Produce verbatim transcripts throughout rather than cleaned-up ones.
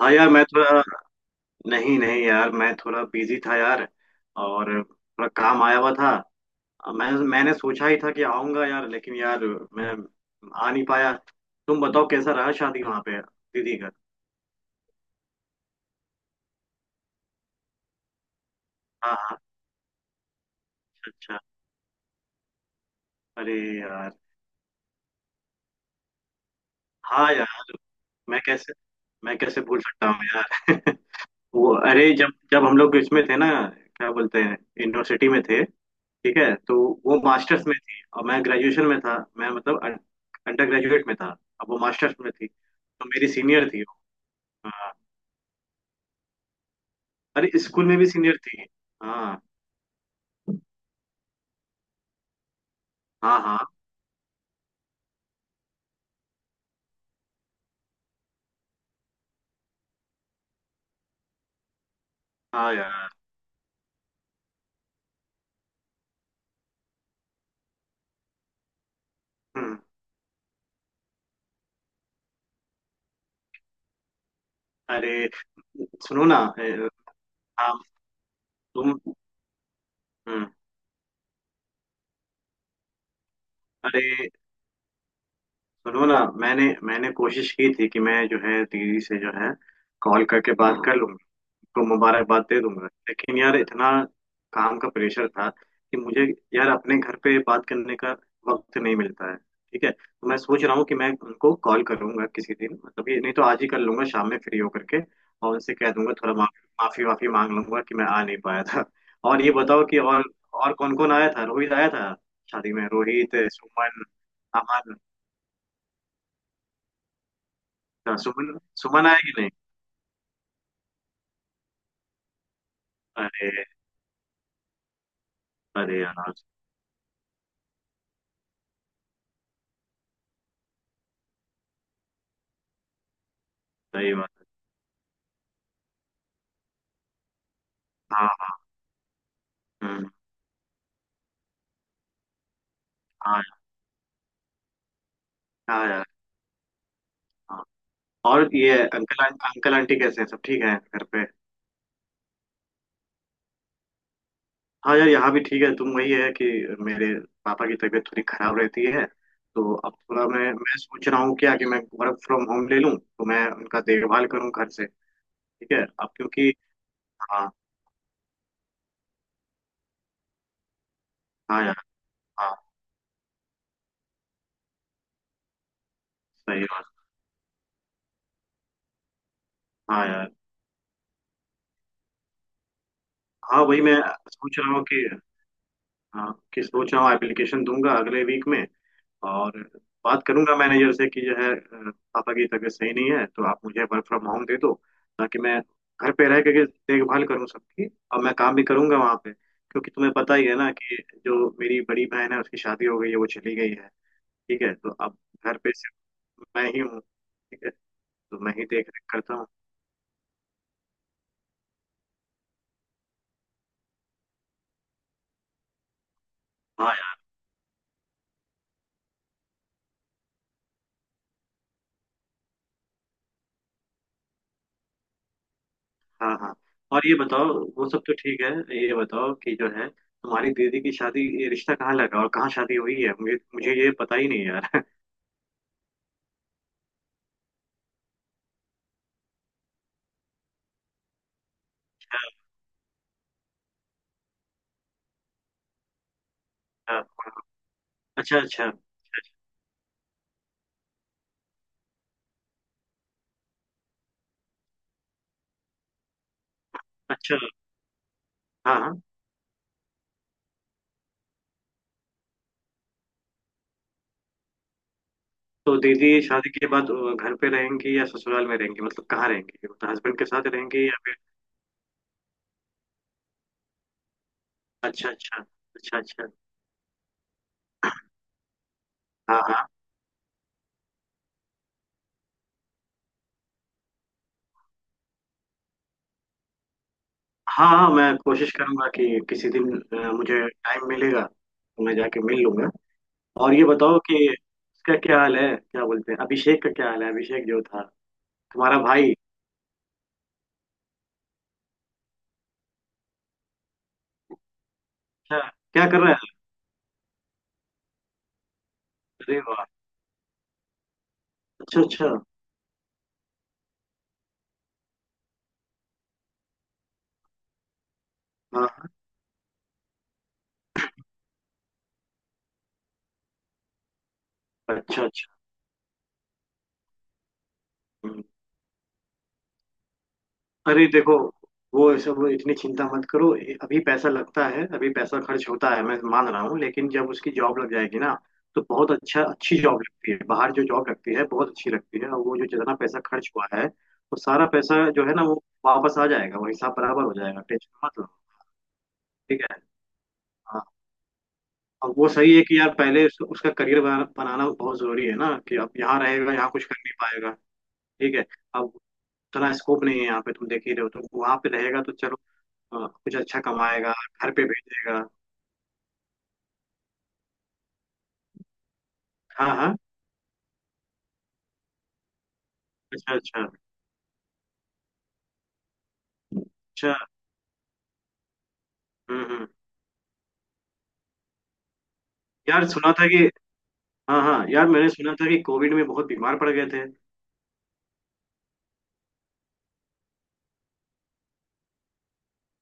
हाँ यार। मैं थोड़ा नहीं नहीं, यार मैं थोड़ा बिजी था यार। और थोड़ा काम आया हुआ था। मैं मैंने सोचा ही था कि आऊंगा यार, लेकिन यार मैं आ नहीं पाया। तुम बताओ कैसा रहा शादी वहाँ पे दीदी का। हाँ, हाँ। अच्छा, अच्छा। अरे यार। हाँ यार। मैं कैसे मैं कैसे भूल सकता हूँ यार। वो, अरे, जब जब हम लोग इसमें थे ना, क्या बोलते हैं, यूनिवर्सिटी में थे। ठीक है तो वो मास्टर्स में थी और मैं ग्रेजुएशन में था, मैं मतलब अंडर ग्रेजुएट में था। अब वो मास्टर्स में थी तो मेरी सीनियर थी। हाँ। अरे, स्कूल में भी सीनियर थी। हाँ। हाँ। हाँ। हाँ यार। हम्म। अरे सुनो ना, अ, हाँ। तुम। हम्म। अरे सुनो ना, मैंने मैंने कोशिश की थी कि मैं जो है दीदी से जो है कॉल करके बात कर लूँ, तो मुबारकबाद दे दूंगा, लेकिन यार इतना काम का प्रेशर था कि मुझे, यार, अपने घर पे बात करने का वक्त नहीं मिलता है। ठीक है तो मैं सोच रहा हूँ कि मैं उनको कॉल करूंगा किसी दिन, मतलब ये नहीं तो आज ही कर लूंगा शाम में फ्री होकर के। और उनसे कह दूंगा, थोड़ा माफी माफी वाफी मांग लूंगा कि मैं आ नहीं पाया था। और ये बताओ कि, और और कौन कौन आया था, रोहित आया था शादी में, रोहित, सुमन। अमन। अच्छा, सुमन सुमन आया कि नहीं। अरे। अरे यार। सही बात है। हाँ, हाँ। हम्म। हाँ, हाँ यार। और ये अंकल अंकल आंटी कैसे हैं, सब ठीक है घर पे। हाँ यार, यहाँ भी ठीक है। तुम वही है कि मेरे पापा की तबीयत थोड़ी खराब रहती है, तो अब थोड़ा मैं मैं सोच रहा हूँ क्या, कि मैं वर्क फ्रॉम होम ले लूँ तो मैं उनका देखभाल करूँ घर से। ठीक है, अब क्योंकि, हाँ। हाँ यार। हाँ। सही बात। हाँ यार। हाँ, वही मैं सोच रहा हूँ कि, हाँ, कि सोच रहा हूँ, एप्लीकेशन दूंगा अगले वीक में, और बात करूंगा मैनेजर से कि जो है, अ, पापा की तबीयत सही नहीं है तो आप मुझे वर्क फ्रॉम होम दे दो, ताकि मैं घर पे रह करके देखभाल करूँ सबकी। और मैं काम भी करूंगा वहाँ पे, क्योंकि तुम्हें पता ही है ना कि जो मेरी बड़ी बहन है उसकी शादी हो गई है, वो चली गई है। ठीक है, तो अब घर पे सिर्फ मैं ही हूँ। ठीक है तो मैं ही देख रेख करता हूँ। हाँ यार। हाँ, हाँ। और ये बताओ, वो सब तो ठीक है। ये बताओ कि जो है, तुम्हारी दीदी की शादी, ये रिश्ता कहाँ लगा और कहाँ शादी हुई है, मुझे मुझे ये पता ही नहीं यार। अच्छा, अच्छा। अच्छा, अच्छा। हाँ, हाँ। तो दीदी शादी के बाद अ, घर पे रहेंगी या ससुराल में रहेंगी, मतलब कहाँ रहेंगी, मतलब हस्बैंड के साथ रहेंगी या फिर? अच्छा, अच्छा। अच्छा, अच्छा। हाँ, हाँ। हाँ, हाँ, मैं कोशिश करूंगा कि किसी दिन अ, मुझे टाइम मिलेगा तो मैं जाके मिल लूंगा। और ये बताओ कि उसका क्या हाल है, क्या बोलते हैं, अभिषेक का क्या हाल है, अभिषेक जो था, तुम्हारा भाई। अच्छा। क्या कर रहा है? अरे वाह। अच्छा, अच्छा। हाँ, हाँ, अच्छा, अच्छा। हम्म। अरे देखो, वो सब इतनी चिंता मत करो। अभी पैसा लगता है, अभी पैसा खर्च होता है, मैं मान रहा हूँ, लेकिन जब उसकी जॉब लग जाएगी ना, तो बहुत अच्छा, अच्छी जॉब लगती है बाहर, जो जॉब लगती है बहुत अच्छी लगती है। और वो जो जितना पैसा खर्च हुआ है, वो सारा पैसा जो है ना, वो वापस आ जाएगा, वो हिसाब बराबर हो जाएगा, टेंशन मत लो। ठीक है। हाँ। अब वो सही है कि यार, पहले उस, उसका करियर बना, बनाना बहुत जरूरी है ना, कि अब यहाँ रहेगा यहाँ कुछ कर नहीं पाएगा। ठीक है, अब उतना स्कोप नहीं है यहाँ पे, तुम देख ही रहे हो। तो वहां पे रहेगा तो चलो, हाँ, कुछ अच्छा कमाएगा, घर पे भेजेगा। हाँ, हाँ। अच्छा, अच्छा। अच्छा। हम्म, हम्म। यार सुना था कि, हाँ, हाँ यार, मैंने सुना था कि कोविड में बहुत बीमार पड़ गए थे।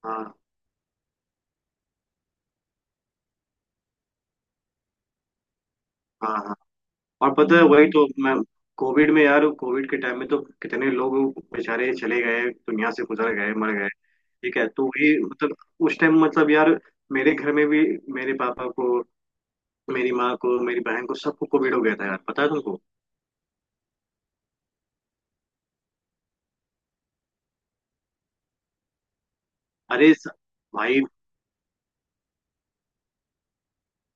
हाँ, हाँ। हाँ। और पता है वही, हम्म तो मैं, कोविड में यार, कोविड के टाइम में तो कितने लोग बेचारे चले गए दुनिया से, गुजर गए, मर गए। ठीक है तो वही, मतलब उस टाइम, मतलब यार, मेरे घर में भी, मेरे पापा को, मेरी माँ को, मेरी बहन को, सबको कोविड हो गया था यार, पता है तुमको। अरे स- भाई,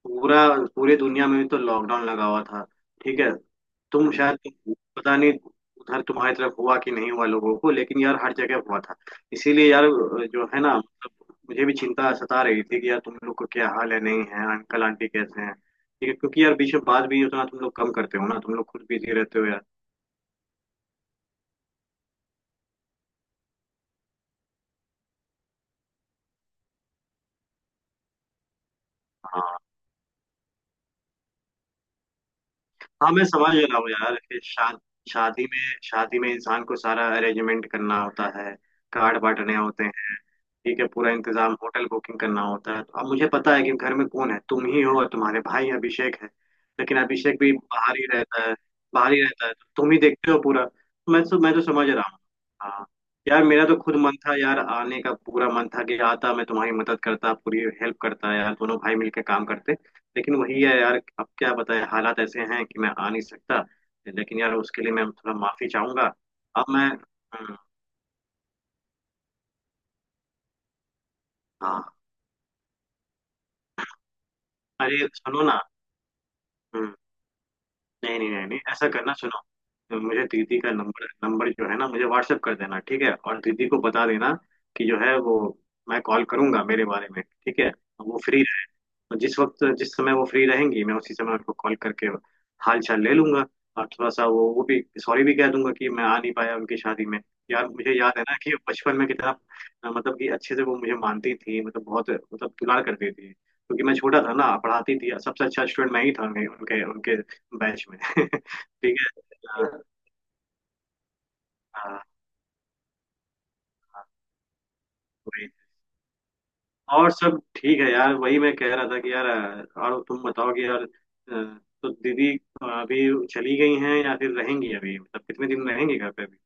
पूरा, पूरे दुनिया में तो लॉकडाउन लगा हुआ था। ठीक है। तुम शायद, पता नहीं उधर तुम्हारी तरफ हुआ कि नहीं हुआ लोगों को, लेकिन यार हर जगह हुआ था। इसीलिए यार जो है ना, मतलब मुझे भी चिंता सता रही थी कि यार तुम लोग को क्या हाल है, नहीं है, अंकल आंटी कैसे हैं, ठीक है, क्योंकि यार बीच में बात भी उतना तुम लोग कम करते हो ना, तुम लोग खुद बिजी रहते हो यार। हाँ, हाँ। मैं समझ रहा हूँ यार कि शाद, शादी में, शादी में इंसान को सारा अरेंजमेंट करना होता है, कार्ड बांटने होते हैं। ठीक है, पूरा इंतजाम, होटल बुकिंग करना होता है। तो अब मुझे पता है कि घर में कौन है, तुम ही हो और तुम्हारे भाई अभिषेक है, लेकिन अभिषेक भी बाहर ही रहता है। बाहर ही रहता है तो तुम ही देखते हो पूरा, तो मैं तो मैं तो समझ रहा हूँ। हाँ यार, मेरा तो खुद मन था यार आने का, पूरा मन था कि आता, मैं तुम्हारी मदद करता, पूरी हेल्प करता यार, दोनों भाई मिलकर काम करते। लेकिन वही है यार, अब क्या बताएं, हालात ऐसे हैं कि मैं आ नहीं सकता। लेकिन यार उसके लिए मैं थोड़ा माफी चाहूंगा। अब मैं, हम्म, हाँ। अरे सुनो ना। हम्म। नहीं नहीं नहीं नहीं, ऐसा करना, सुनो, मुझे दीदी का नंबर, नंबर जो है ना, मुझे व्हाट्सएप कर देना, ठीक है, और दीदी को बता देना कि जो है, वो मैं कॉल करूंगा, मेरे बारे में, ठीक है। वो फ्री, जिस वक्त, जिस समय वो फ्री रहेंगी, मैं उसी समय उनको कॉल करके हाल चाल ले लूंगा। और थोड़ा सा वो वो भी सॉरी भी कह दूंगा कि मैं आ नहीं पाया उनकी शादी में। यार मुझे याद है ना कि बचपन में कितना, अ, मतलब कि अच्छे से वो मुझे मानती थी, मतलब बहुत, मतलब दुलार करती थी, क्योंकि मैं छोटा था ना, पढ़ाती थी, सबसे अच्छा स्टूडेंट मैं ही था उनके, उनके उनके बैच में। ठीक है, अ, अ, अ, वही। और सब ठीक है यार, वही मैं कह रहा था कि यार, अ, और तुम बताओ कि यार, अ, तो दीदी अभी चली गई हैं या फिर रहेंगी अभी, मतलब कितने दिन रहेंगी घर पे अभी।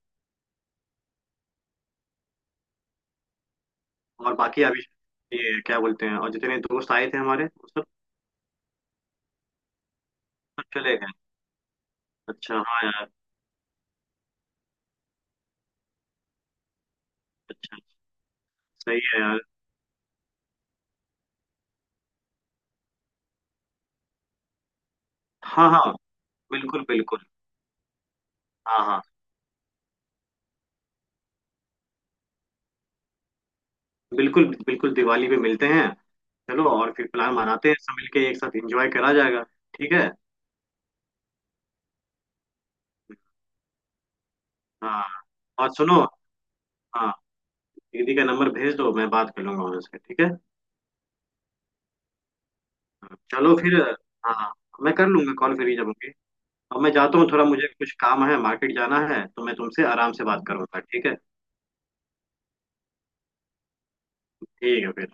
और बाकी अभी, ये क्या बोलते हैं, और जितने दोस्त आए थे हमारे, वो सब सब चले गए। अच्छा, हाँ यार। अच्छा। सही है यार। हाँ, हाँ, बिल्कुल बिल्कुल। हाँ, हाँ, बिल्कुल बिल्कुल, दिवाली पे मिलते हैं, चलो, और फिर प्लान बनाते हैं, सब मिलके एक साथ एंजॉय करा जाएगा। ठीक है। हाँ। और सुनो, हाँ, दीदी का नंबर भेज दो, मैं बात कर लूंगा उनसे, ठीक है। चलो फिर। हाँ, मैं कर लूंगा कॉल, फ्री जब होंगे। अब मैं जाता हूँ, थोड़ा मुझे कुछ काम है, मार्केट जाना है, तो मैं तुमसे आराम से बात करूंगा, ठीक है। ठीक है फिर।